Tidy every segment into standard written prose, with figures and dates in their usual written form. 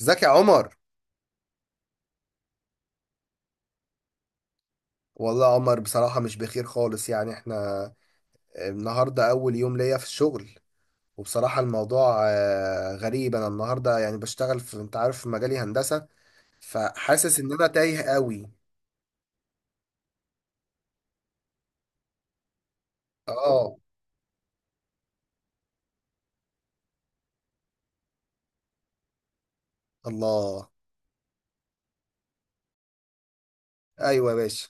ازيك يا عمر؟ والله يا عمر بصراحة مش بخير خالص، يعني احنا النهاردة أول يوم ليا في الشغل. وبصراحة الموضوع غريب. أنا النهاردة يعني بشتغل في، أنت عارف، في مجالي هندسة، فحاسس إن أنا تايه قوي. آه الله. أيوة يا باشا.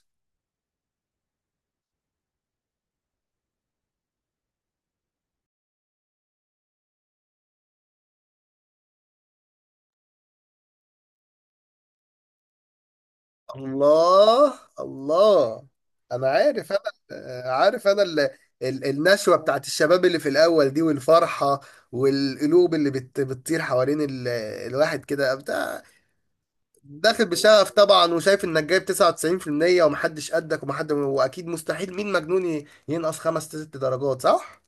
الله الله. أنا عارف. أنا عارف أنا النشوة بتاعت الشباب اللي في الأول دي والفرحة، والقلوب اللي بتطير حوالين الواحد كده. داخل بشغف طبعا، وشايف انك جايب 99% ومحدش قدك ومحد، واكيد مستحيل مين مجنون ينقص خمس ست درجات، صح؟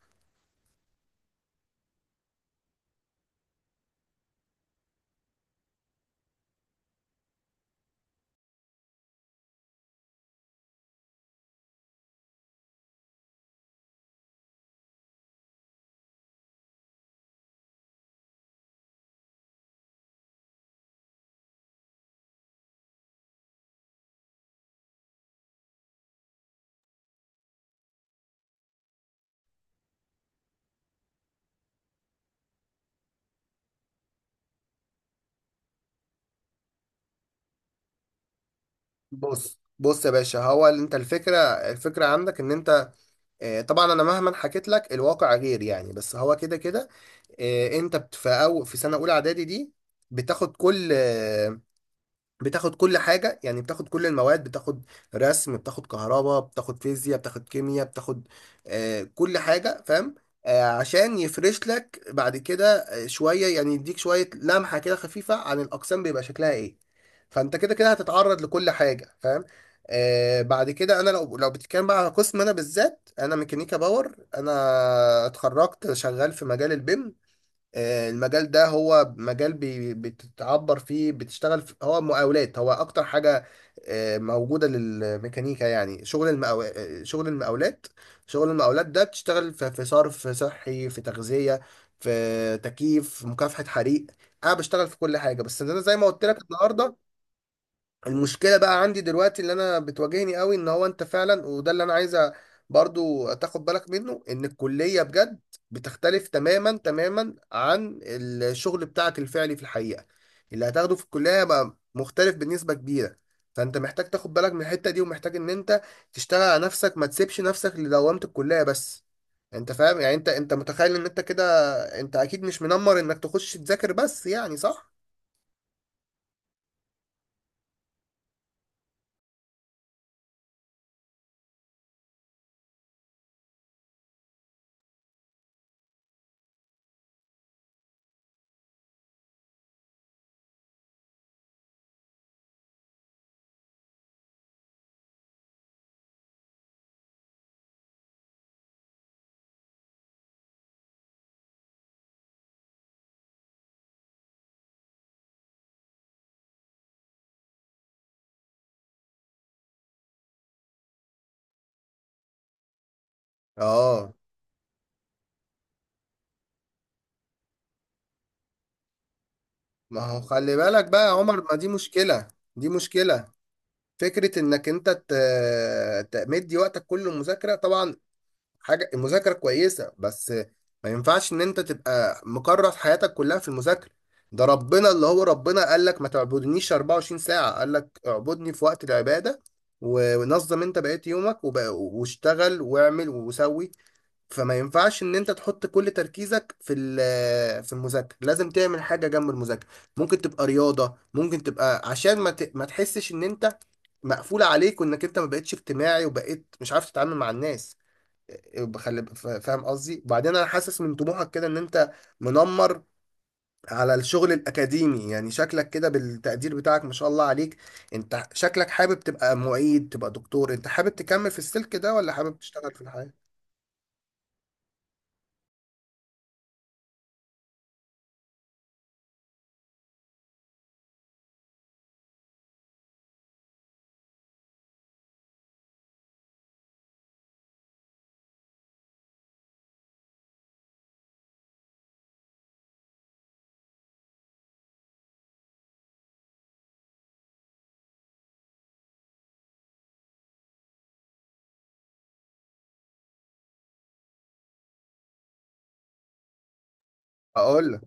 بص يا باشا، هو اللي انت الفكره عندك ان انت، طبعا انا مهما حكيت لك الواقع غير، يعني بس هو كده كده. انت في أو في سنه اولى اعدادي دي بتاخد كل بتاخد كل حاجة، يعني بتاخد كل المواد، بتاخد رسم، بتاخد كهرباء، بتاخد فيزياء، بتاخد كيمياء، بتاخد كل حاجة، فاهم؟ عشان يفرش لك بعد كده شوية، يعني يديك شوية لمحة كده خفيفة عن الأقسام بيبقى شكلها إيه. فأنت كده كده هتتعرض لكل حاجة، فاهم؟ بعد كده أنا، لو بتتكلم بقى على قسم، أنا بالذات أنا ميكانيكا باور، أنا اتخرجت شغال في مجال البيم. المجال ده هو مجال بتتعبر فيه، بتشتغل في، هو مقاولات، هو اكتر حاجة موجودة للميكانيكا. يعني شغل المقاو... آه، شغل المقاولات ده بتشتغل في، في صرف صحي، في تغذية، في تكييف، في مكافحة حريق. انا بشتغل في كل حاجة. بس انا زي ما قلت لك النهاردة، المشكله بقى عندي دلوقتي اللي انا بتواجهني قوي، ان هو انت فعلا، وده اللي انا عايزه برضو تاخد بالك منه، ان الكليه بجد بتختلف تماما تماما عن الشغل بتاعك الفعلي في الحقيقه. اللي هتاخده في الكليه هيبقى مختلف بنسبه كبيره، فانت محتاج تاخد بالك من الحته دي، ومحتاج ان انت تشتغل على نفسك، ما تسيبش نفسك لدوامه الكليه بس. انت فاهم يعني، انت متخيل ان انت كده، انت اكيد مش منمر انك تخش تذاكر بس، يعني صح؟ اه. ما هو خلي بالك بقى يا عمر، ما دي مشكلة، دي مشكلة. فكرة انك انت تمدي وقتك كله مذاكرة، طبعا حاجة المذاكرة كويسة، بس ما ينفعش ان انت تبقى مكرس حياتك كلها في المذاكرة. ده ربنا، اللي هو ربنا قال لك ما تعبدنيش 24 ساعة، قال لك اعبدني في وقت العبادة، ونظم انت بقيت يومك واشتغل واعمل وسوي. فما ينفعش ان انت تحط كل تركيزك في في المذاكره، لازم تعمل حاجه جنب المذاكره. ممكن تبقى رياضه، ممكن تبقى عشان ما ما تحسش ان انت مقفول عليك، وانك انت ما بقتش اجتماعي، وبقيت مش عارف تتعامل مع الناس. بخلي، فاهم قصدي؟ وبعدين انا حاسس من طموحك كده ان انت منمر على الشغل الاكاديمي، يعني شكلك كده بالتقدير بتاعك ما شاء الله عليك. انت شكلك حابب تبقى معيد، تبقى دكتور، انت حابب تكمل في السلك ده، ولا حابب تشتغل في الحياه؟ اقول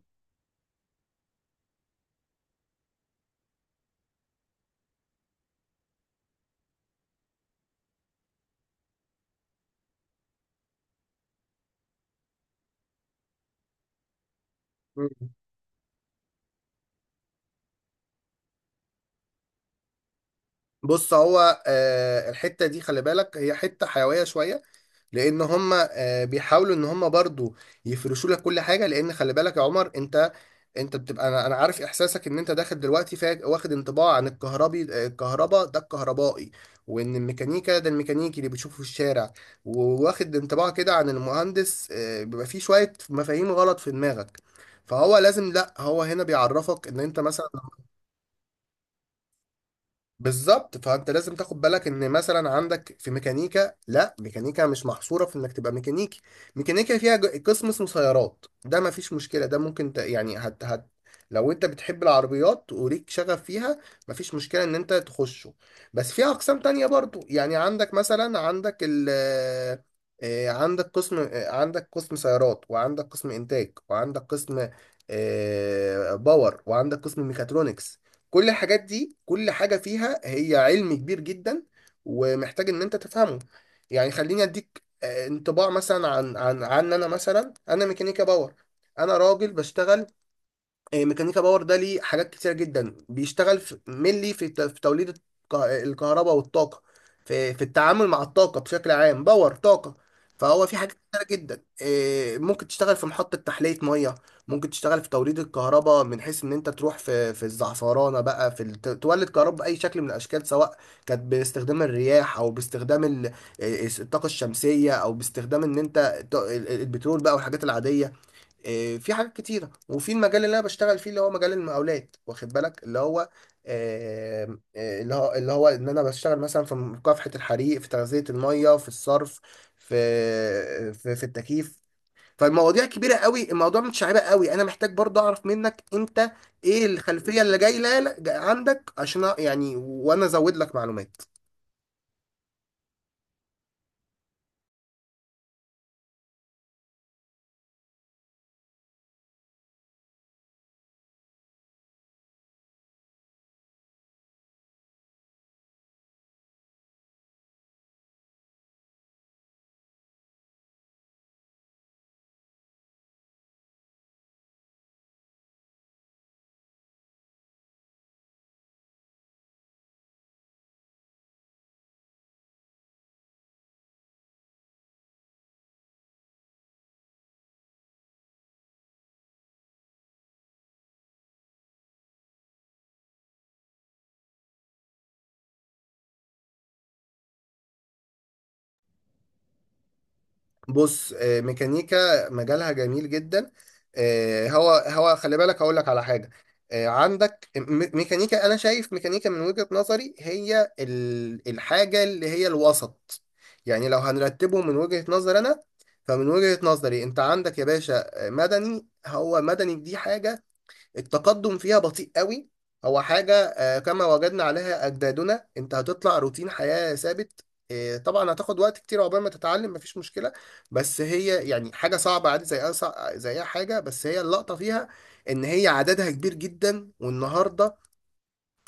لك، بص، هو الحتة دي خلي بالك هي حتة حيوية شوية، لأن هم بيحاولوا إن هم برضو يفرشوا لك كل حاجة. لأن خلي بالك يا عمر، أنت بتبقى، أنا عارف إحساسك، إن أنت داخل دلوقتي، واخد انطباع عن الكهربي، الكهرباء ده الكهربائي، وإن الميكانيكا ده الميكانيكي اللي بتشوفه في الشارع. وواخد انطباع كده عن المهندس، بيبقى فيه شوية مفاهيم غلط في دماغك، فهو لازم، لا هو هنا بيعرفك ان انت مثلا، بالظبط. فانت لازم تاخد بالك ان مثلا عندك في ميكانيكا، لا ميكانيكا مش محصوره في انك تبقى ميكانيكي. ميكانيكا فيها قسم اسمه سيارات، ده ما فيش مشكله، ده ممكن ت... يعني هت... هت... لو انت بتحب العربيات وليك شغف فيها، ما فيش مشكله ان انت تخشه. بس في اقسام تانية برضو، يعني عندك مثلا، عندك قسم، عندك قسم سيارات، وعندك قسم انتاج، وعندك قسم باور، وعندك قسم ميكاترونكس. كل الحاجات دي، كل حاجة فيها هي علم كبير جدا، ومحتاج ان انت تفهمه. يعني خليني اديك انطباع مثلا عن عن انا، مثلا انا ميكانيكا باور، انا راجل بشتغل ميكانيكا باور. ده ليه حاجات كتيرة جدا، بيشتغل في ملي، في في توليد الكهرباء والطاقة، في في التعامل مع الطاقة بشكل عام، باور طاقة. فهو في حاجات كتيرة جدا، ممكن تشتغل في محطة تحلية مية، ممكن تشتغل في توليد الكهرباء، من حيث ان انت تروح في، في الزعفرانة بقى، في تولد كهرباء بأي شكل من الأشكال، سواء كانت باستخدام الرياح، أو باستخدام الطاقة الشمسية، أو باستخدام ان انت البترول بقى والحاجات العادية. في حاجات كتيرة. وفي المجال اللي أنا بشتغل فيه، اللي هو مجال المقاولات، واخد بالك، اللي هو اللي هو، اللي هو إن أنا بشتغل مثلا في مكافحة الحريق، في تغذية المية، في الصرف، في التكييف. فالمواضيع كبيرة قوي، الموضوع متشعبة قوي. أنا محتاج برضه أعرف منك أنت إيه الخلفية اللي جاية عندك، عشان يعني وأنا أزود لك معلومات. بص، ميكانيكا مجالها جميل جدا. هو، هو خلي بالك هقول لك على حاجه، عندك ميكانيكا. انا شايف ميكانيكا من وجهه نظري هي الحاجه اللي هي الوسط. يعني لو هنرتبه من وجهه نظر انا، فمن وجهه نظري انت عندك يا باشا مدني. هو مدني دي حاجه التقدم فيها بطيء قوي. هو حاجة كما وجدنا عليها أجدادنا، أنت هتطلع روتين حياة ثابت. طبعا هتاخد وقت كتير عقبال ما تتعلم، مفيش مشكلة، بس هي يعني حاجة صعبة عادي، زي زي أي حاجة. بس هي اللقطة فيها إن هي عددها كبير جدا. والنهاردة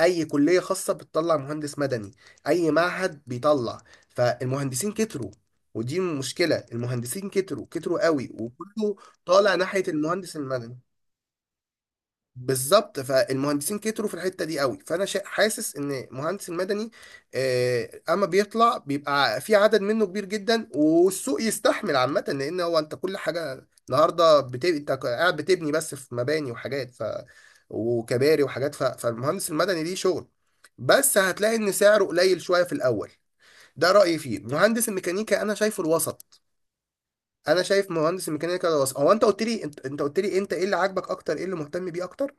أي كلية خاصة بتطلع مهندس مدني، أي معهد بيطلع، فالمهندسين كتروا. ودي مشكلة، المهندسين كتروا، كتروا قوي، وكله طالع ناحية المهندس المدني. بالظبط، فالمهندسين كتروا في الحته دي قوي. فانا حاسس ان مهندس المدني اما بيطلع بيبقى في عدد منه كبير جدا. والسوق يستحمل عامه، لان هو انت كل حاجه النهارده انت قاعد بتبني بس، في مباني وحاجات، وكباري وحاجات، فالمهندس المدني ليه شغل، بس هتلاقي ان سعره قليل شويه في الاول. ده رايي فيه. مهندس الميكانيكا انا شايفه الوسط. انا شايف مهندس الميكانيكا ده الوسط. هو انت قلت لي انت، ايه اللي عاجبك اكتر، ايه اللي مهتم بيه اكتر؟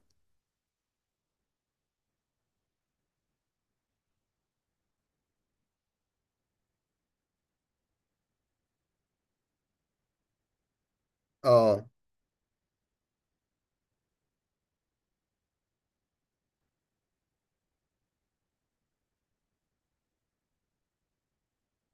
اه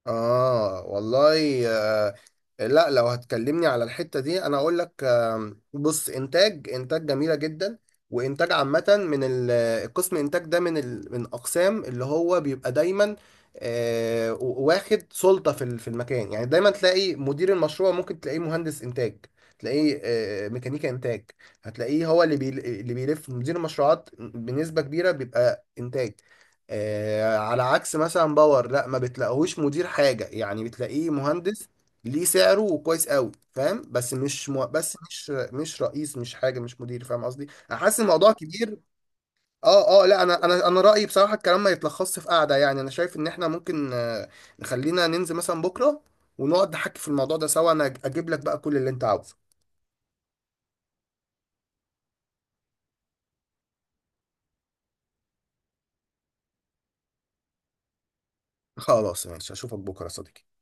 اه. والله لا، لو هتكلمني على الحتة دي انا اقول لك، بص، انتاج، انتاج جميلة جدا، وانتاج عامة. من ال- القسم انتاج ده من ال من اقسام اللي هو بيبقى دايما واخد سلطة في في المكان، يعني دايما تلاقي مدير المشروع ممكن تلاقيه مهندس انتاج، تلاقيه ميكانيكا انتاج. هتلاقيه هو اللي بيلف مدير المشروعات بنسبة كبيرة بيبقى انتاج. على عكس مثلا باور، لا، ما بتلاقيهوش مدير حاجة، يعني بتلاقيه مهندس، ليه سعره وكويس قوي، فاهم؟ بس مش بس مش رئيس، مش حاجة، مش مدير، فاهم قصدي؟ انا حاسس الموضوع كبير. اه اه. لا، انا رأيي بصراحة الكلام ما يتلخصش في قعدة. يعني انا شايف ان احنا ممكن نخلينا ننزل مثلا بكرة، ونقعد نحكي في الموضوع ده سوا، انا اجيب لك بقى كل اللي انت عاوزه. خلاص ماشي، اشوفك بكرة يا صديقي.